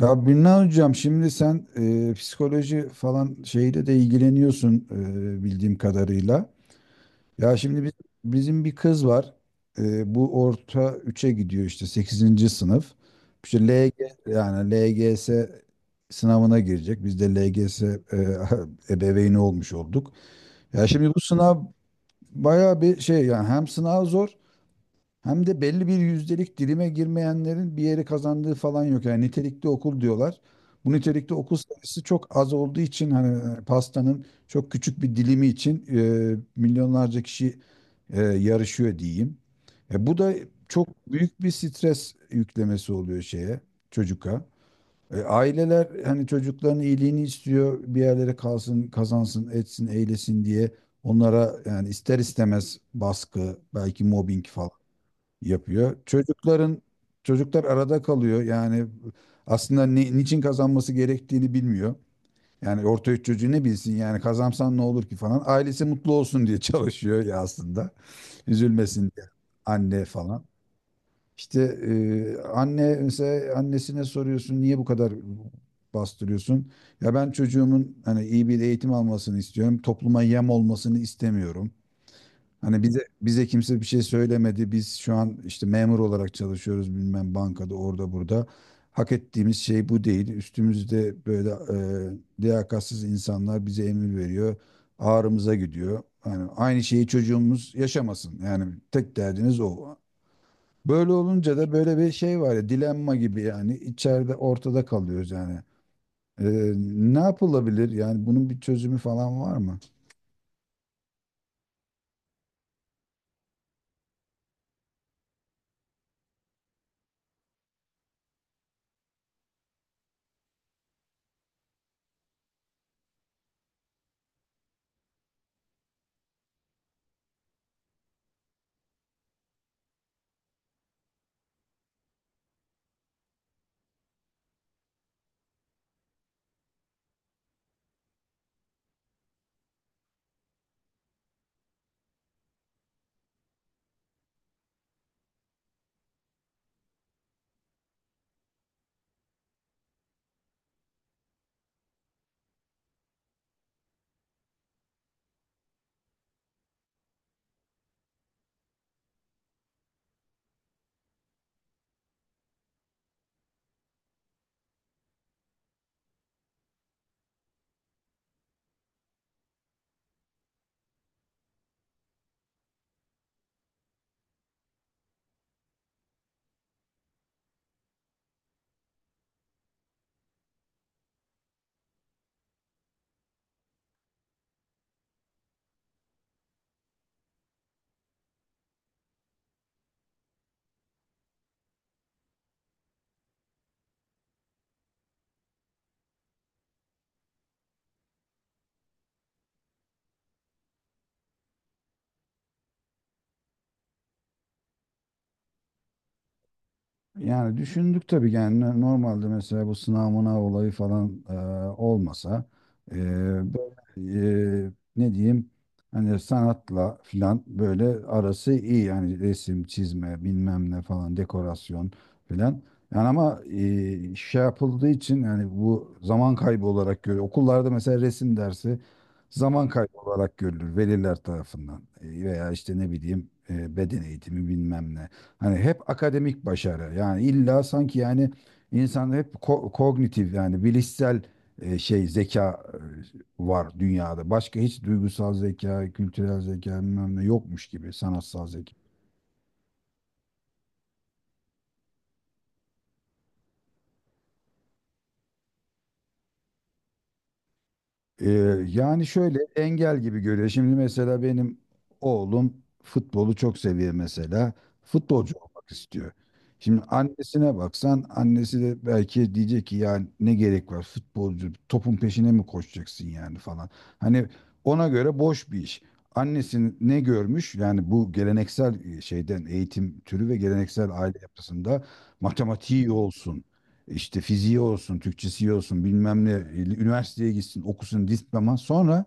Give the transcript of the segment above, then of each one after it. Ya Birna hocam şimdi sen psikoloji falan şeyle de ilgileniyorsun bildiğim kadarıyla. Ya şimdi bizim bir kız var. Bu orta üçe gidiyor işte sekizinci sınıf. İşte LG yani LGS sınavına girecek. Biz de LGS e, ebeveyni olmuş olduk. Ya şimdi bu sınav bayağı bir şey yani hem sınav zor hem de belli bir yüzdelik dilime girmeyenlerin bir yeri kazandığı falan yok. Yani nitelikli okul diyorlar. Bu nitelikli okul sayısı çok az olduğu için hani pastanın çok küçük bir dilimi için milyonlarca kişi yarışıyor diyeyim. Bu da çok büyük bir stres yüklemesi oluyor çocuğa. Aileler hani çocukların iyiliğini istiyor, bir yerlere kalsın, kazansın, etsin, eylesin diye onlara yani ister istemez baskı, belki mobbing falan yapıyor. Çocuklar arada kalıyor. Yani aslında ne, niçin kazanması gerektiğini bilmiyor. Yani orta üç çocuğu ne bilsin yani kazansan ne olur ki falan. Ailesi mutlu olsun diye çalışıyor ya aslında. Üzülmesin diye anne falan. İşte e, anne mesela annesine soruyorsun niye bu kadar bastırıyorsun? Ya ben çocuğumun hani iyi bir eğitim almasını istiyorum. Topluma yem olmasını istemiyorum. Hani bize kimse bir şey söylemedi. Biz şu an işte memur olarak çalışıyoruz bilmem bankada orada burada. Hak ettiğimiz şey bu değil. Üstümüzde böyle liyakatsiz insanlar bize emir veriyor. Ağrımıza gidiyor. Yani aynı şeyi çocuğumuz yaşamasın. Yani tek derdiniz o. Böyle olunca da böyle bir şey var ya dilenma gibi yani içeride ortada kalıyoruz yani. E, ne yapılabilir? Yani bunun bir çözümü falan var mı? Yani düşündük tabii yani normalde mesela bu sınav mınav olayı falan olmasa e, böyle, ne diyeyim hani sanatla filan böyle arası iyi yani resim çizme bilmem ne falan dekorasyon filan yani ama şey yapıldığı için yani bu zaman kaybı olarak görüyor. Okullarda mesela resim dersi zaman kaybı olarak görülür veliler tarafından. Veya işte ne bileyim beden eğitimi bilmem ne. Hani hep akademik başarı. Yani illa sanki yani insan hep kognitif yani bilişsel şey zeka var dünyada. Başka hiç duygusal zeka, kültürel zeka bilmem ne yokmuş gibi sanatsal zeka. Ee, yani şöyle engel gibi görüyor. Şimdi mesela benim oğlum futbolu çok seviyor mesela. Futbolcu olmak istiyor. Şimdi annesine baksan annesi de belki diyecek ki yani ne gerek var futbolcu topun peşine mi koşacaksın yani falan. Hani ona göre boş bir iş. Annesini ne görmüş yani bu geleneksel şeyden eğitim türü ve geleneksel aile yapısında matematiği iyi olsun işte fiziği olsun, Türkçesi olsun, bilmem ne, üniversiteye gitsin, okusun diploma. Sonra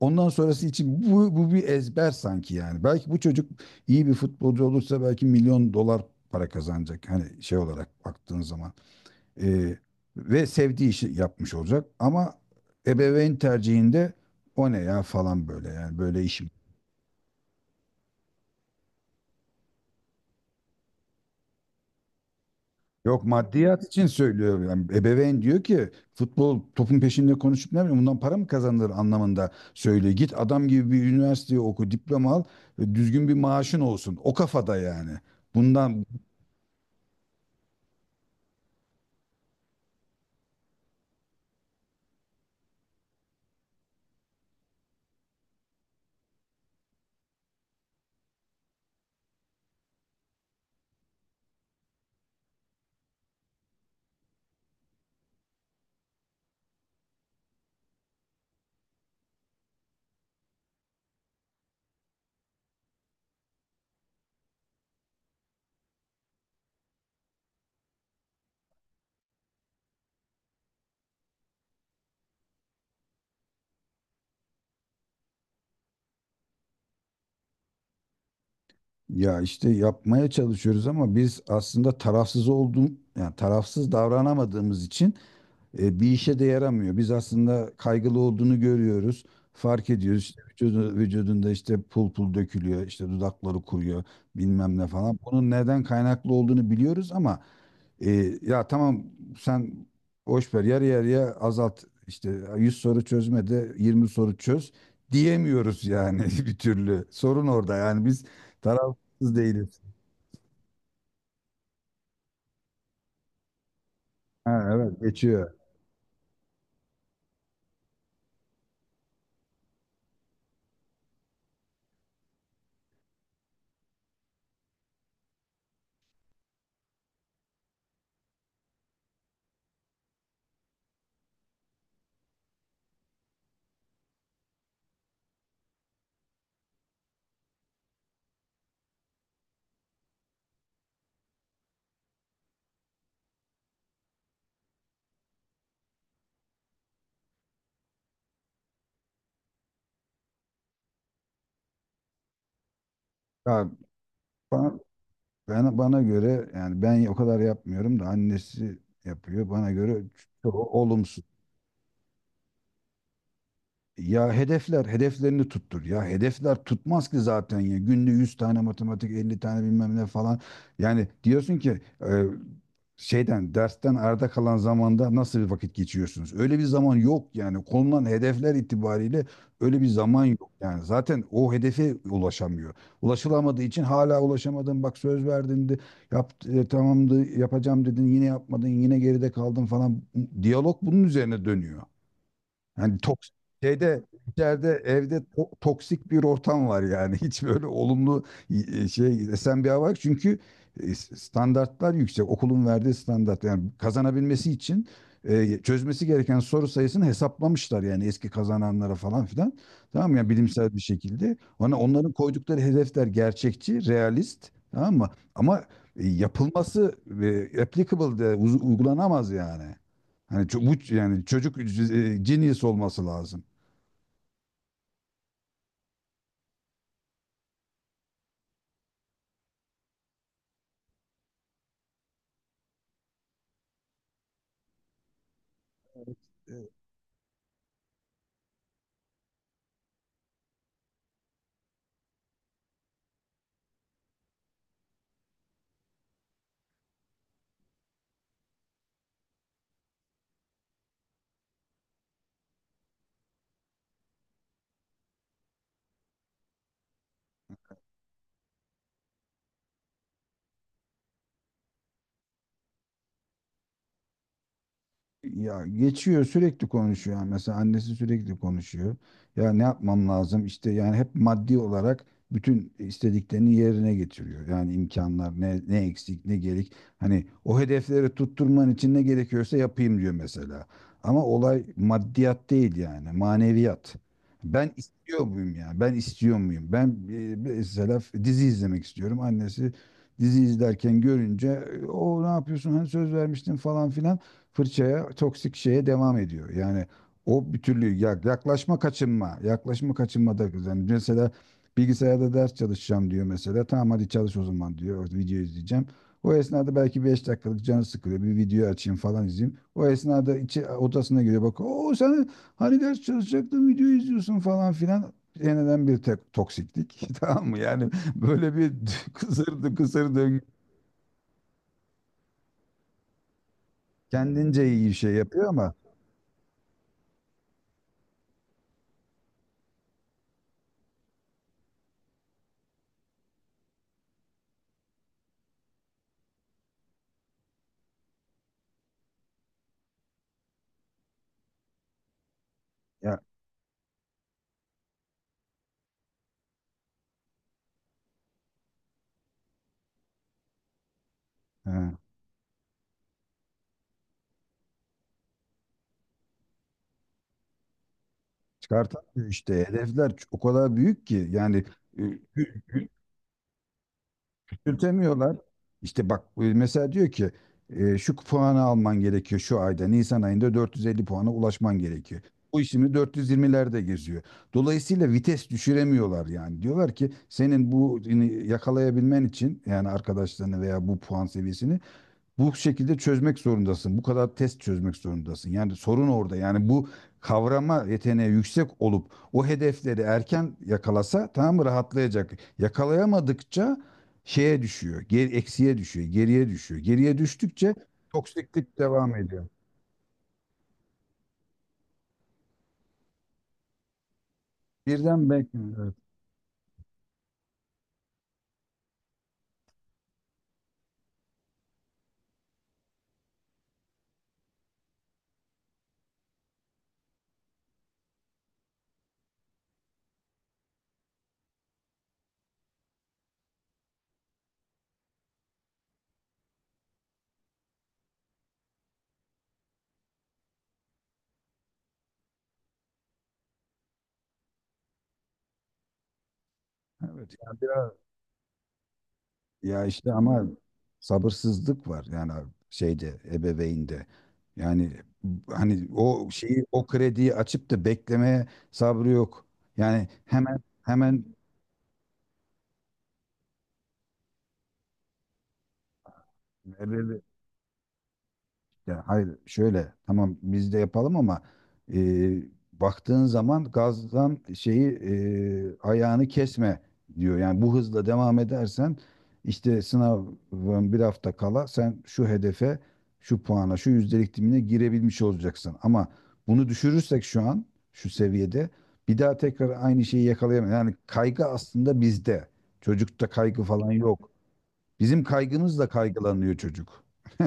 ondan sonrası için bu, bu bir ezber sanki yani. Belki bu çocuk iyi bir futbolcu olursa belki milyon dolar para kazanacak. Hani şey olarak baktığın zaman. Ee, ve sevdiği işi yapmış olacak. Ama ebeveyn tercihinde o ne ya falan böyle yani böyle iş mi? Yok maddiyat için söylüyor. Yani ebeveyn diyor ki futbol topun peşinde konuşup ne bileyim bundan para mı kazanılır anlamında söylüyor. Git adam gibi bir üniversiteye oku, diploma al, düzgün bir maaşın olsun. O kafada yani. Bundan ya işte yapmaya çalışıyoruz ama biz aslında tarafsız olduğum yani tarafsız davranamadığımız için bir işe de yaramıyor. Biz aslında kaygılı olduğunu görüyoruz. Fark ediyoruz. İşte vücudunda işte pul pul dökülüyor, işte dudakları kuruyor, bilmem ne falan. Bunun neden kaynaklı olduğunu biliyoruz ama e, ya tamam sen boş ver yarı yarıya azalt işte 100 soru çözme de 20 soru çöz diyemiyoruz yani bir türlü. Sorun orada yani biz tarafsız değiliz. Ha, evet geçiyor. Ya, bana göre yani ben o kadar yapmıyorum da annesi yapıyor. Bana göre çok olumsuz. Ya hedefler, hedeflerini tuttur. Ya hedefler tutmaz ki zaten ya. Günde 100 tane matematik, 50 tane bilmem ne falan. Yani diyorsun ki dersten arda kalan zamanda nasıl bir vakit geçiriyorsunuz? Öyle bir zaman yok yani. Konulan hedefler itibariyle öyle bir zaman yok. Yani zaten o hedefe ulaşamıyor. Ulaşılamadığı için hala ulaşamadın. Bak söz verdin de tamamdı yapacağım dedin. Yine yapmadın, yine geride kaldın falan. Diyalog bunun üzerine dönüyor. Hani toks şeyde içeride evde toksik bir ortam var yani. Hiç böyle olumlu şey esen bir hava yok. Çünkü standartlar yüksek. Okulun verdiği standart yani kazanabilmesi için çözmesi gereken soru sayısını hesaplamışlar yani eski kazananlara falan filan. Tamam mı? Yani bilimsel bir şekilde. Ona onların koydukları hedefler gerçekçi, realist. Tamam mı? Ama yapılması applicable de uygulanamaz yani. Hani bu yani çocuk genius olması lazım. Evet. Ya geçiyor sürekli konuşuyor. Yani mesela annesi sürekli konuşuyor. Ya ne yapmam lazım? İşte yani hep maddi olarak bütün istediklerini yerine getiriyor. Yani imkanlar ne, ne eksik ne gerek. Hani o hedefleri tutturman için ne gerekiyorsa yapayım diyor mesela. Ama olay maddiyat değil yani maneviyat. Ben istiyor muyum ya? Ben istiyor muyum? Ben mesela dizi izlemek istiyorum. Annesi dizi izlerken görünce, "O ne yapıyorsun? Hani söz vermiştin," falan filan fırçaya, toksik şeye devam ediyor. Yani o bir türlü yaklaşma kaçınma, yaklaşma kaçınma da yani mesela bilgisayarda ders çalışacağım diyor mesela. Tamam hadi çalış o zaman diyor. Video izleyeceğim. O esnada belki 5 dakikalık canı sıkılıyor. Bir video açayım falan izleyeyim. O esnada içi odasına giriyor bak. O sen hani ders çalışacaktın video izliyorsun falan filan. Yeniden bir tek toksiklik. Tamam mı? Yani böyle bir kısır döngü. Kendince iyi şey yapıyor ama ya he. Çıkartamıyor işte. Hedefler o kadar büyük ki yani e, küçültemiyorlar. İşte bak mesela diyor ki şu puanı alman gerekiyor şu ayda. Nisan ayında 450 puana ulaşman gerekiyor. Bu işini 420'lerde geziyor. Dolayısıyla vites düşüremiyorlar yani. Diyorlar ki senin bu ini yakalayabilmen için yani arkadaşlarını veya bu puan seviyesini bu şekilde çözmek zorundasın. Bu kadar test çözmek zorundasın. Yani sorun orada. Yani bu kavrama yeteneği yüksek olup o hedefleri erken yakalasa tamam mı rahatlayacak. Yakalayamadıkça şeye düşüyor. Eksiye düşüyor. Geriye düşüyor. Geriye düştükçe toksiklik devam ediyor. Birden belki evet. Evet. Yani biraz. Ya işte ama sabırsızlık var yani şeyde ebeveynde. Yani hani o şeyi o krediyi açıp da beklemeye sabrı yok. Yani hemen hemen. Ya hayır şöyle tamam biz de yapalım ama e, baktığın zaman gazdan şeyi ayağını kesme diyor. Yani bu hızla devam edersen işte sınavın bir hafta kala sen şu hedefe, şu puana, şu yüzdelik dilimine girebilmiş olacaksın. Ama bunu düşürürsek şu an şu seviyede bir daha tekrar aynı şeyi yakalayamayız. Yani kaygı aslında bizde. Çocukta kaygı falan yok. Bizim kaygımızla kaygılanıyor çocuk.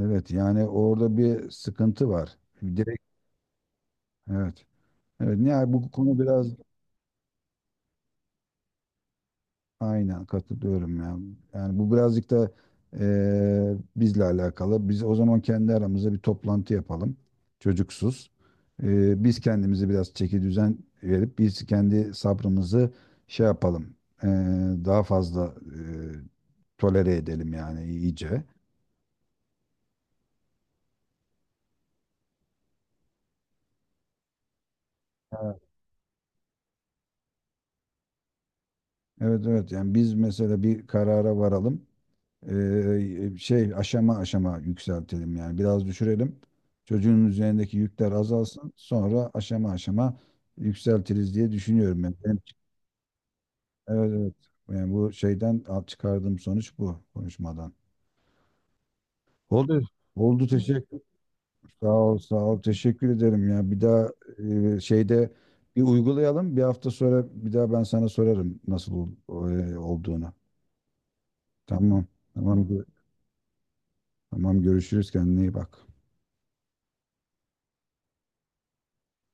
Evet yani orada bir sıkıntı var. Direkt evet. Evet yani bu konu biraz aynen katılıyorum ya. Yani bu birazcık da bizle alakalı. Biz o zaman kendi aramızda bir toplantı yapalım. Çocuksuz. Biz kendimizi biraz çeki düzen verip biz kendi sabrımızı şey yapalım. Eee, daha fazla tolere edelim yani iyice. Evet evet evet. Yani biz mesela bir karara varalım. Şey aşama aşama yükseltelim yani biraz düşürelim. Çocuğun üzerindeki yükler azalsın. Sonra aşama aşama yükseltiriz diye düşünüyorum ben. Evet evet. Yani bu şeyden çıkardığım sonuç bu konuşmadan. Oldu. Oldu teşekkür. Sağ ol sağ ol teşekkür ederim ya. Bir daha şeyde bir uygulayalım. Bir hafta sonra bir daha ben sana sorarım nasıl olduğunu. Tamam. Tamam. Tamam görüşürüz kendine iyi bak.